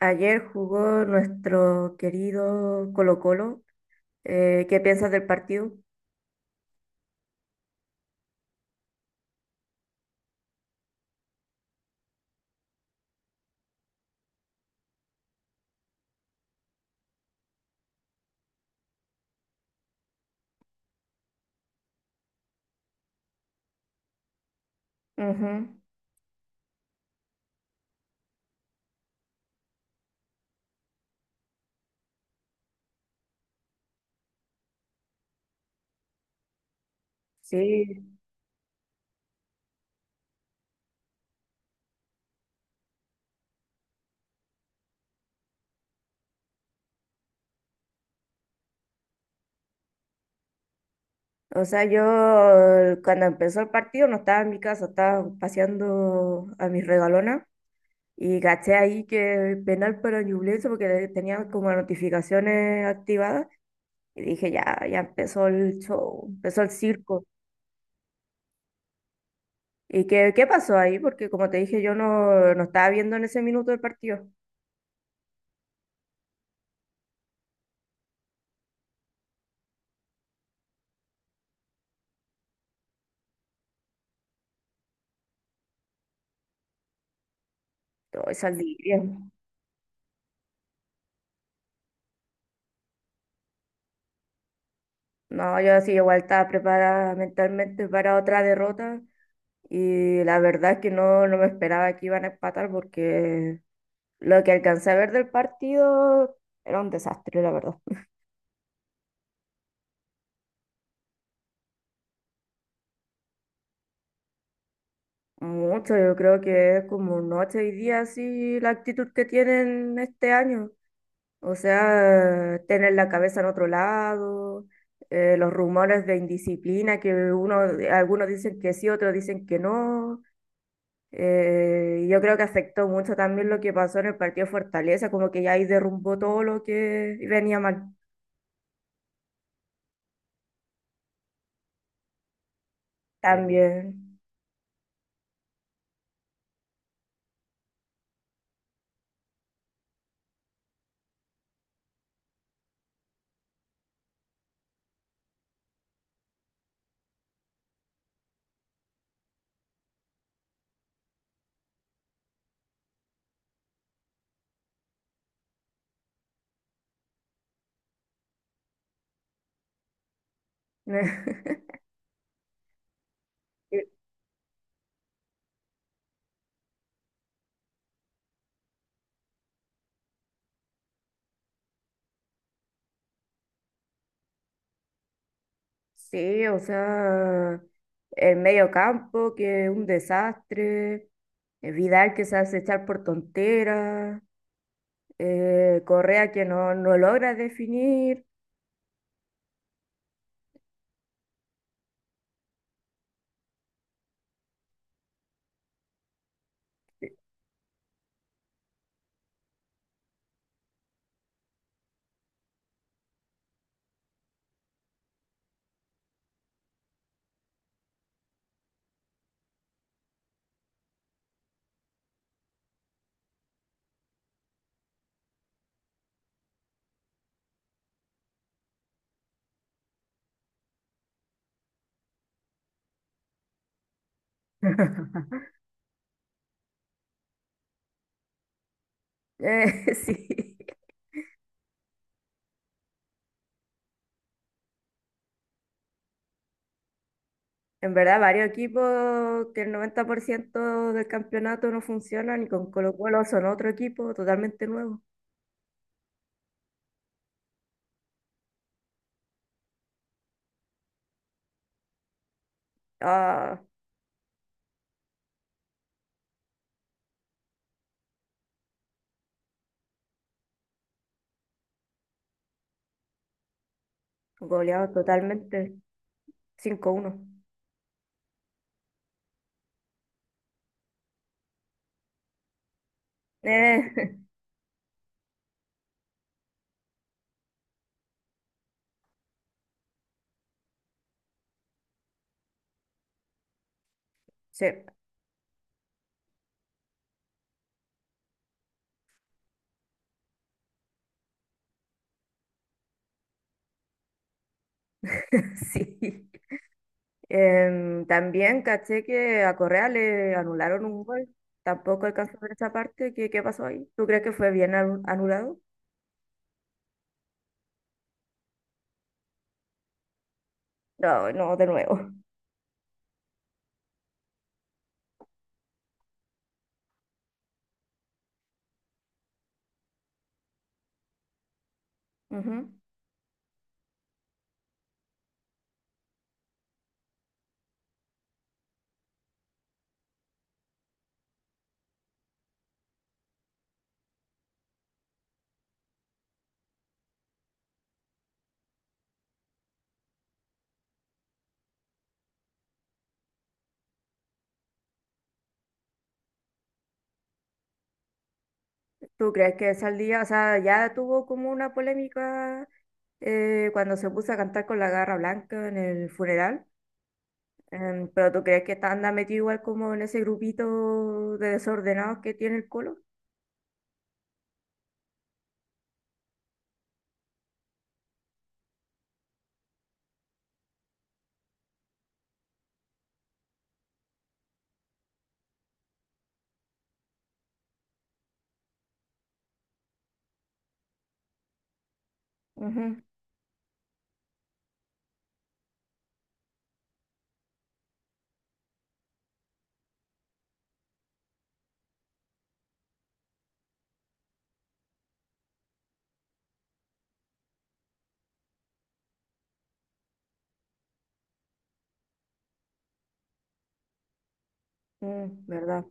Ayer jugó nuestro querido Colo-Colo. ¿Qué piensas del partido? Ujú. Sí. O sea, yo cuando empezó el partido no estaba en mi casa, estaba paseando a mis regalonas y caché ahí que penal para Ñublense porque tenía como las notificaciones activadas y dije, ya, ya empezó el show, empezó el circo. ¿Y qué pasó ahí? Porque como te dije, yo no, no estaba viendo en ese minuto del partido. Hoy salí. No, yo sí igual estaba preparada mentalmente para otra derrota y la verdad es que no, no me esperaba que iban a empatar porque lo que alcancé a ver del partido era un desastre, la verdad. Mucho, yo creo que es como noche y día así la actitud que tienen este año. O sea, tener la cabeza en otro lado, los rumores de indisciplina que uno, algunos dicen que sí, otros dicen que no. Yo creo que afectó mucho también lo que pasó en el partido de Fortaleza, como que ya ahí derrumbó todo lo que venía mal. Mm. También. Sí, o sea, el medio campo que es un desastre, Vidal que se hace echar por tonteras, Correa que no, no logra definir. Eh, sí. En verdad, varios equipos que el 90% del campeonato no funcionan y con Colo-Colo son otro equipo totalmente nuevo. Ah, goleado totalmente. 5-1. Eh, sí, sí. También caché que a Correa le anularon un gol. Tampoco alcanzó a ver esa parte. ¿Qué pasó ahí? ¿Tú crees que fue bien anulado? No, no, de nuevo. Ujú. ¿Tú crees que Saldía, o sea, ya tuvo como una polémica cuando se puso a cantar con la garra blanca en el funeral? Pero tú crees que está anda metido igual como en ese grupito de desordenados que tiene el colo. Ujú, mm, ¿verdad?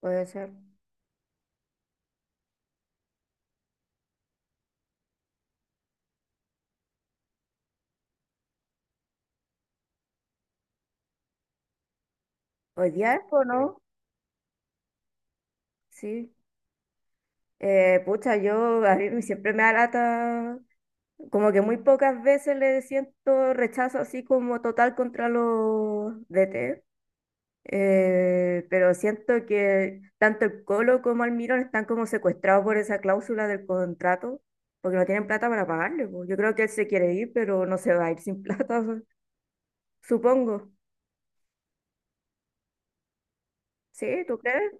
Puede ser. Hoy día es, ¿o no? Sí. Pucha, yo a mí siempre me da lata, como que muy pocas veces le siento rechazo así como total contra los DT. Pero siento que tanto el Colo como Almirón están como secuestrados por esa cláusula del contrato, porque no tienen plata para pagarle, po. Yo creo que él se quiere ir, pero no se va a ir sin plata, su- supongo. ¿Sí? ¿Tú crees?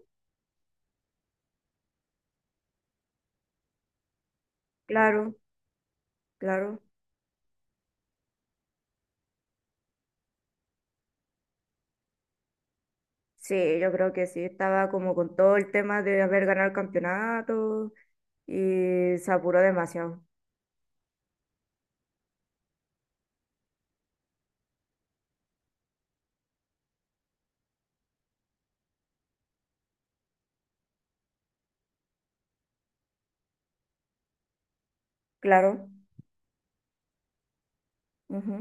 Claro, claro. Sí, yo creo que sí. Estaba como con todo el tema de haber ganado el campeonato y se apuró demasiado. Claro. Ujú.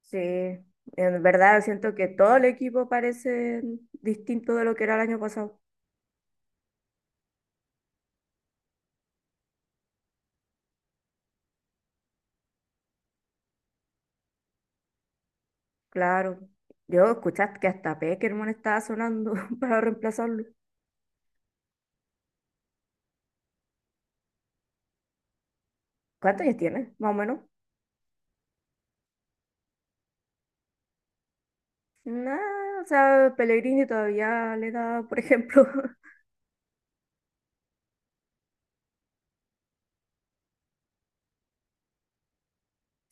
Sí. En verdad siento que todo el equipo parece distinto de lo que era el año pasado. Claro. Yo escuchaste que hasta Peckerman estaba sonando para reemplazarlo. ¿Cuántos años tiene? Más o menos. Nada, o sea, Pellegrini todavía le da, por ejemplo.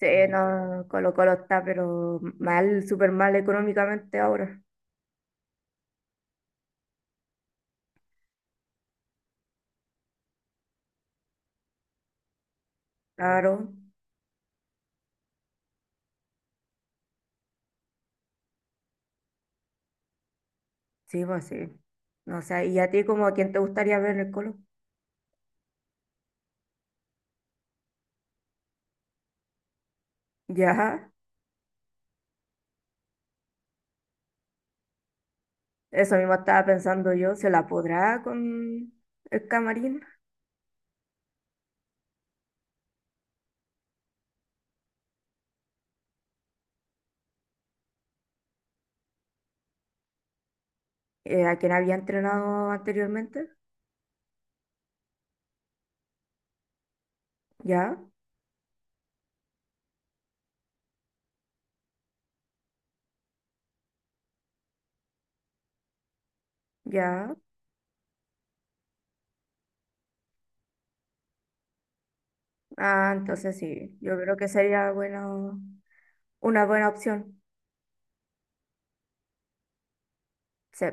Sí, no, Colo Colo está, pero mal, súper mal económicamente ahora. Claro, sí, pues sí. No sé, ¿y a ti como quién te gustaría ver en el Colo? Ya, eso mismo estaba pensando yo, ¿se la podrá con el Camarín? ¿A quien había entrenado anteriormente? Ya, ya. Ah, entonces sí, yo creo que sería bueno, una buena opción. Sí.